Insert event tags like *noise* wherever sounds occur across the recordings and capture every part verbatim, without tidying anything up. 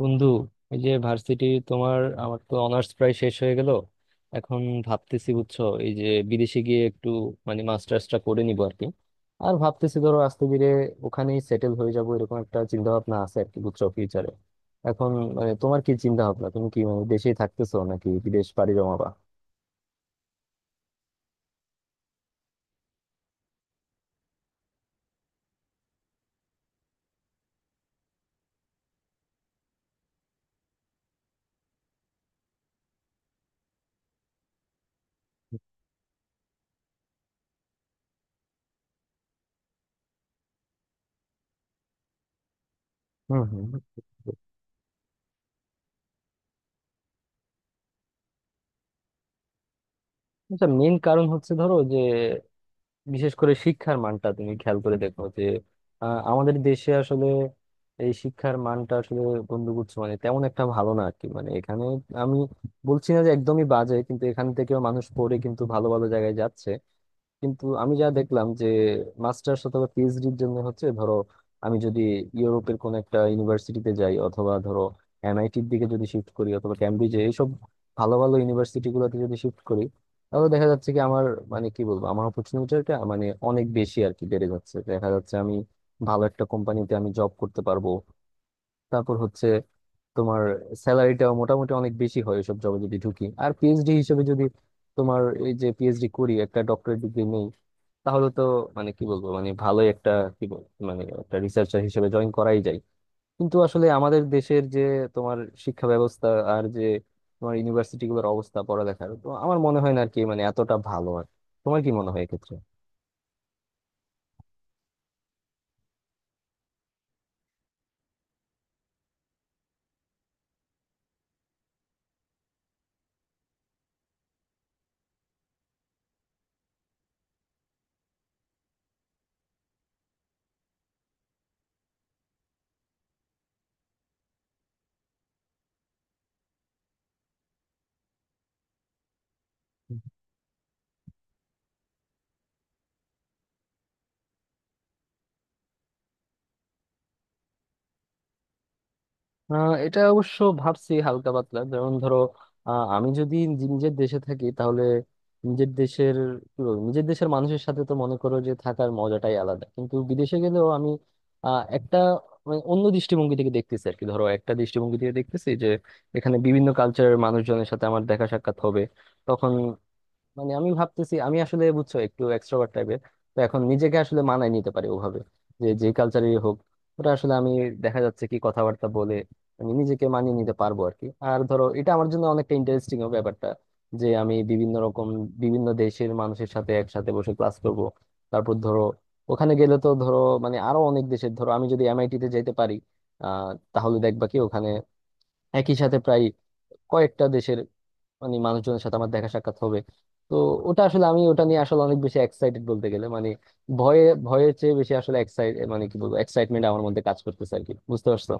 বন্ধু, এই যে ভার্সিটি তোমার আমার তো অনার্স প্রায় শেষ হয়ে গেল। এখন ভাবতেছি, বুঝছো, এই যে বিদেশে গিয়ে একটু মানে মাস্টার্সটা করে নিবো আর কি। আর ভাবতেছি ধরো আস্তে ধীরে ওখানেই সেটেল হয়ে যাবো, এরকম একটা চিন্তা ভাবনা আছে আর কি, বুঝছো, ফিউচারে। এখন মানে তোমার কি চিন্তা ভাবনা, তুমি কি মানে দেশেই থাকতেছো নাকি বিদেশ পাড়ি জমাবা? হম হম আচ্ছা, মেইন কারণ হচ্ছে ধরো যে বিশেষ করে শিক্ষার মানটা তুমি খেয়াল করে দেখো যে আহ, আমাদের দেশে আসলে এই শিক্ষার মানটা আসলে বন্ধুগুচ্ছ মানে তেমন একটা ভালো না আর কি। মানে এখানে আমি বলছি না যে একদমই বাজে, কিন্তু এখান থেকেও মানুষ পড়ে কিন্তু ভালো ভালো জায়গায় যাচ্ছে। কিন্তু আমি যা দেখলাম যে মাস্টার্স অথবা পিএইচডির জন্য হচ্ছে ধরো, আমি যদি ইউরোপের কোন একটা ইউনিভার্সিটিতে যাই অথবা ধরো এনআইটির দিকে যদি শিফট করি অথবা ক্যামব্রিজে, এইসব ভালো ভালো ইউনিভার্সিটি গুলোতে যদি শিফট করি, তাহলে দেখা যাচ্ছে কি আমার, মানে কি বলবো, আমার অপরচুনিটিটা মানে অনেক বেশি আর কি বেড়ে যাচ্ছে। দেখা যাচ্ছে আমি ভালো একটা কোম্পানিতে আমি জব করতে পারবো। তারপর হচ্ছে তোমার স্যালারিটা মোটামুটি অনেক বেশি হয় এসব জবে যদি ঢুকি। আর পিএইচডি হিসেবে যদি তোমার এই যে পিএইচডি করি, একটা ডক্টরেট ডিগ্রি নেই, তাহলে তো মানে কি বলবো, মানে ভালোই একটা, কি বল, মানে একটা রিসার্চার হিসেবে জয়েন করাই যায়। কিন্তু আসলে আমাদের দেশের যে তোমার শিক্ষা ব্যবস্থা আর যে তোমার ইউনিভার্সিটি গুলোর অবস্থা পড়ালেখার, তো আমার মনে হয় না আর কি মানে এতটা ভালো আর। তোমার কি মনে হয় এক্ষেত্রে? আহ এটা অবশ্য ভাবছি হালকা পাতলা। যেমন ধরো, আহ, আমি যদি নি- নিজের দেশে থাকি, তাহলে নিজের দেশের, কি বলবো, নিজের দেশের মানুষের সাথে তো মনে করো যে থাকার মজাটাই আলাদা। কিন্তু বিদেশে গেলেও আমি আহ, একটা মানে অন্য দৃষ্টিভঙ্গি থেকে দেখতেছি আর কি। ধরো একটা দৃষ্টিভঙ্গি থেকে দেখতেছি যে এখানে বিভিন্ন কালচারের মানুষজনের সাথে আমার দেখা সাক্ষাৎ হবে। তখন মানে আমি ভাবতেছি, আমি আসলে বুঝছো একটু এক্সট্রোভার্ট টাইপের, তো এখন নিজেকে আসলে মানায় নিতে পারি ওভাবে, যে যে কালচারই হোক। ওটা আসলে আমি, দেখা যাচ্ছে কি, কথাবার্তা বলে আমি নিজেকে মানিয়ে নিতে পারবো আর কি। আর ধরো এটা আমার জন্য অনেকটা ইন্টারেস্টিং হবে ব্যাপারটা, যে আমি বিভিন্ন রকম বিভিন্ন দেশের মানুষের সাথে একসাথে বসে ক্লাস করব। তারপর ধরো ওখানে গেলে তো ধরো মানে আরো অনেক দেশের, ধরো আমি যদি এমআইটি তে যেতে পারি, আহ তাহলে দেখবা কি ওখানে একই সাথে প্রায় কয়েকটা দেশের মানে মানুষজনের সাথে আমার দেখা সাক্ষাৎ হবে। তো ওটা আসলে আমি ওটা নিয়ে আসলে অনেক বেশি এক্সাইটেড বলতে গেলে। মানে ভয়ে ভয়ের চেয়ে বেশি আসলে এক্সাইট, মানে কি বলবো, এক্সাইটমেন্ট আমার মধ্যে কাজ করতেছে আর কি, বুঝতে পারছো?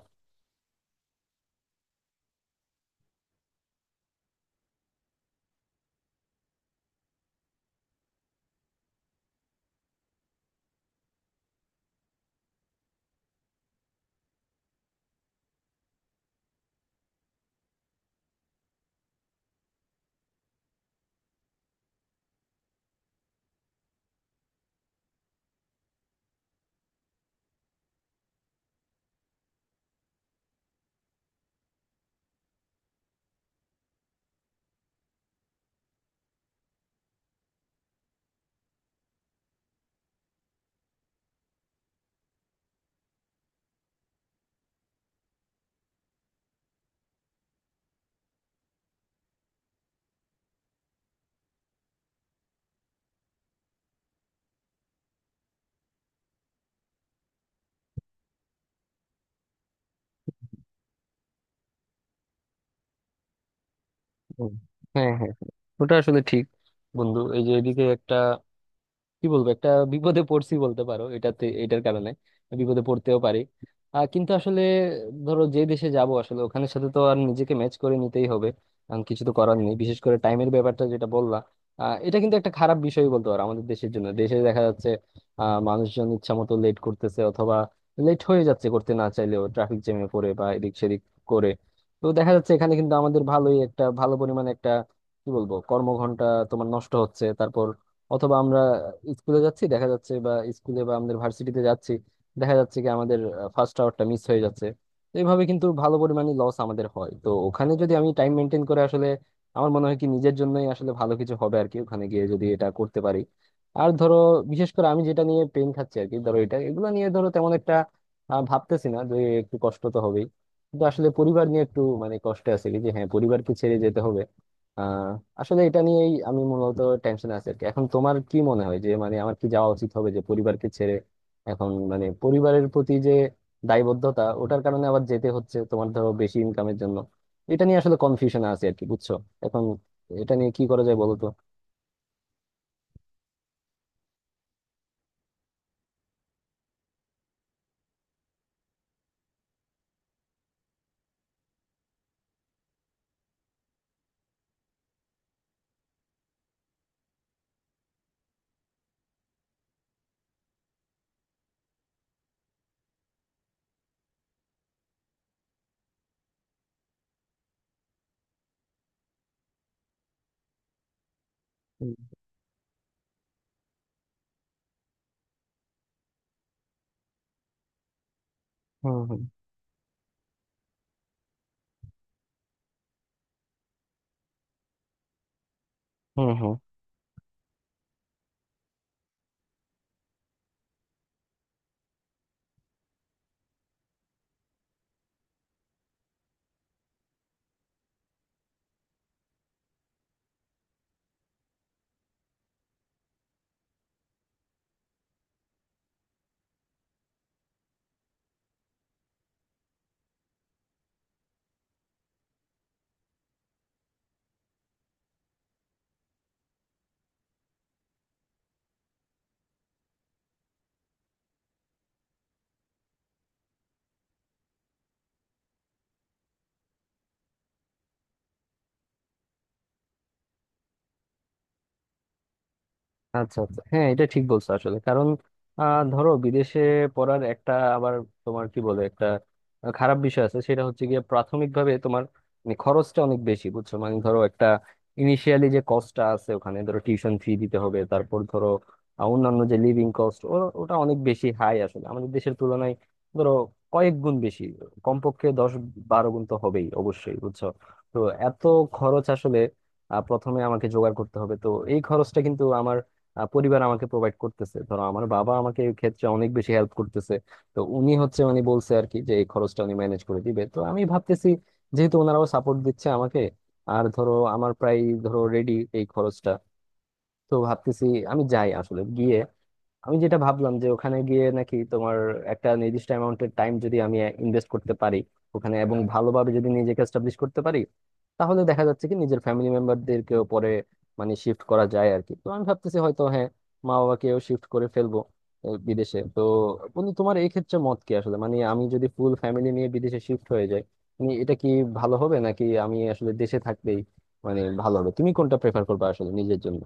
হুম। হ্যাঁ, হ্যাঁ, হ্যাঁ। ওটা আসলে ঠিক। বন্ধু, এই যে এদিকে একটা, কি বলবো, একটা বিপদে পড়ছি বলতে পারো এটাতে, এটার কারণে বিপদে পড়তেও পারি। আহ, কিন্তু আসলে ধরো যে দেশে যাব আসলে ওখানে সাথে তো আর নিজেকে ম্যাচ করে নিতেই হবে, কারণ কিছু তো করার নেই। বিশেষ করে টাইমের ব্যাপারটা যেটা বললা, আহ, এটা কিন্তু একটা খারাপ বিষয় বলতে পারো আমাদের দেশের জন্য। দেশে দেখা যাচ্ছে আহ মানুষজন ইচ্ছা মতো লেট করতেছে, অথবা লেট হয়ে যাচ্ছে করতে না চাইলেও, ট্রাফিক জ্যামে পড়ে বা এদিক সেদিক করে। তো দেখা যাচ্ছে এখানে কিন্তু আমাদের ভালোই একটা ভালো পরিমাণে একটা, কি বলবো, কর্মঘন্টা তোমার নষ্ট হচ্ছে। অথবা আমরা স্কুলে যাচ্ছি, দেখা যাচ্ছে, বা স্কুলে বা আমাদের ভার্সিটিতে যাচ্ছি, দেখা যাচ্ছে কি আমাদের ফার্স্ট আওয়ারটা মিস হয়ে যাচ্ছে। তো এইভাবে কিন্তু ভালো পরিমাণে লস আমাদের হয়। তো ওখানে যদি আমি টাইম মেনটেন করে আসলে, আমার মনে হয় কি নিজের জন্যই আসলে ভালো কিছু হবে আর কি, ওখানে গিয়ে যদি এটা করতে পারি। আর ধরো বিশেষ করে আমি যেটা নিয়ে পেন খাচ্ছি আর কি, ধরো এটা, এগুলো নিয়ে ধরো তেমন একটা আহ, ভাবতেছি না যে, একটু কষ্ট তো হবেই, কিন্তু আসলে পরিবার নিয়ে একটু মানে কষ্ট আছে কি, যে হ্যাঁ পরিবারকে ছেড়ে যেতে হবে। আহ আসলে এটা নিয়েই আমি মূলত টেনশন আছি আর কি। এখন তোমার কি মনে হয় যে মানে আমার কি যাওয়া উচিত হবে, যে পরিবারকে ছেড়ে এখন মানে পরিবারের প্রতি যে দায়বদ্ধতা, ওটার কারণে আবার যেতে হচ্ছে তোমার ধরো বেশি ইনকামের জন্য? এটা নিয়ে আসলে কনফিউশন আছে আর কি, বুঝছো। এখন এটা নিয়ে কি করা যায় বলো তো? হুম হুম হুম হুম হুম। আচ্ছা, আচ্ছা, হ্যাঁ, এটা ঠিক বলছো আসলে। কারণ আহ, ধরো বিদেশে পড়ার একটা আবার তোমার কি বলে একটা খারাপ বিষয় আছে, সেটা হচ্ছে গিয়ে প্রাথমিকভাবে তোমার মানে খরচটা অনেক বেশি, বুঝছো। মানে ধরো একটা ইনিশিয়ালি যে কস্টটা আছে, ওখানে ধরো টিউশন ফি দিতে হবে, তারপর ধরো আহ, অন্যান্য যে লিভিং কস্ট, ওটা অনেক বেশি হাই আসলে আমাদের দেশের তুলনায়। ধরো কয়েক গুণ বেশি, কমপক্ষে দশ বারো গুণ তো হবেই অবশ্যই, বুঝছো। তো এত খরচ আসলে আহ, প্রথমে আমাকে জোগাড় করতে হবে। তো এই খরচটা কিন্তু আমার আহ, পরিবার আমাকে প্রোভাইড করতেছে। ধরো আমার বাবা আমাকে এই ক্ষেত্রে অনেক বেশি হেল্প করতেছে। তো উনি হচ্ছে মানে বলছে আর কি যে এই খরচটা উনি ম্যানেজ করে দিবে। তো আমি ভাবতেছি যেহেতু ওনারাও সাপোর্ট দিচ্ছে আমাকে, আর ধরো আমার প্রায় ধরো রেডি এই খরচটা, তো ভাবতেছি আমি যাই আসলে। গিয়ে আমি যেটা ভাবলাম যে ওখানে গিয়ে নাকি তোমার একটা নির্দিষ্ট অ্যামাউন্টের টাইম যদি আমি ইনভেস্ট করতে পারি ওখানে এবং ভালোভাবে যদি নিজেকে এস্টাবলিশ করতে পারি, তাহলে দেখা যাচ্ছে কি নিজের ফ্যামিলি মেম্বারদেরকেও পরে মানে শিফট করা যায় আর কি। তো আমি ভাবতেছি হয়তো হ্যাঁ, মা বাবাকেও শিফট করে ফেলবো আহ, বিদেশে। তো বন্ধু তোমার এই ক্ষেত্রে মত কি আসলে, মানে আমি যদি ফুল ফ্যামিলি নিয়ে বিদেশে শিফট হয়ে যাই মানে এটা কি ভালো হবে, নাকি আমি আসলে দেশে থাকলেই মানে ভালো হবে? তুমি কোনটা প্রেফার করবে আসলে নিজের জন্য?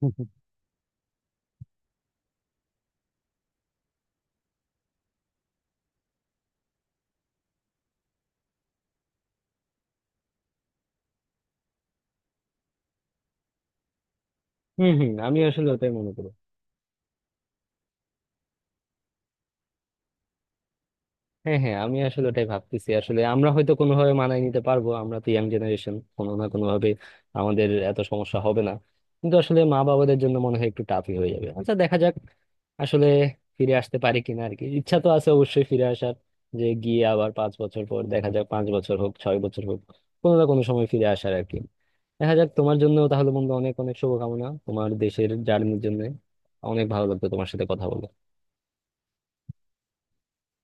*laughs* হম হম, আমি আসলে ওটাই মনে করি। হ্যাঁ হ্যাঁ, আমি আসলে ওটাই ভাবতেছি। আসলে আমরা হয়তো কোনোভাবে মানায় নিতে পারবো, আমরা তো ইয়াং জেনারেশন, কোনো না কোনো ভাবে আমাদের এত সমস্যা হবে না। কিন্তু আসলে মা বাবাদের জন্য মনে হয় একটু টাফই হয়ে যাবে। আচ্ছা দেখা যাক আসলে ফিরে আসতে পারি কিনা আর কি। ইচ্ছা তো আছে অবশ্যই ফিরে আসার, যে গিয়ে আবার পাঁচ বছর পর দেখা যাক, পাঁচ বছর হোক ছয় বছর হোক, কোনো না কোনো সময় ফিরে আসার আর কি। দেখা যাক। তোমার জন্য তাহলে বন্ধু অনেক অনেক শুভকামনা তোমার দেশের জার্নির জন্য। অনেক ভালো লাগতো তোমার সাথে কথা বলে।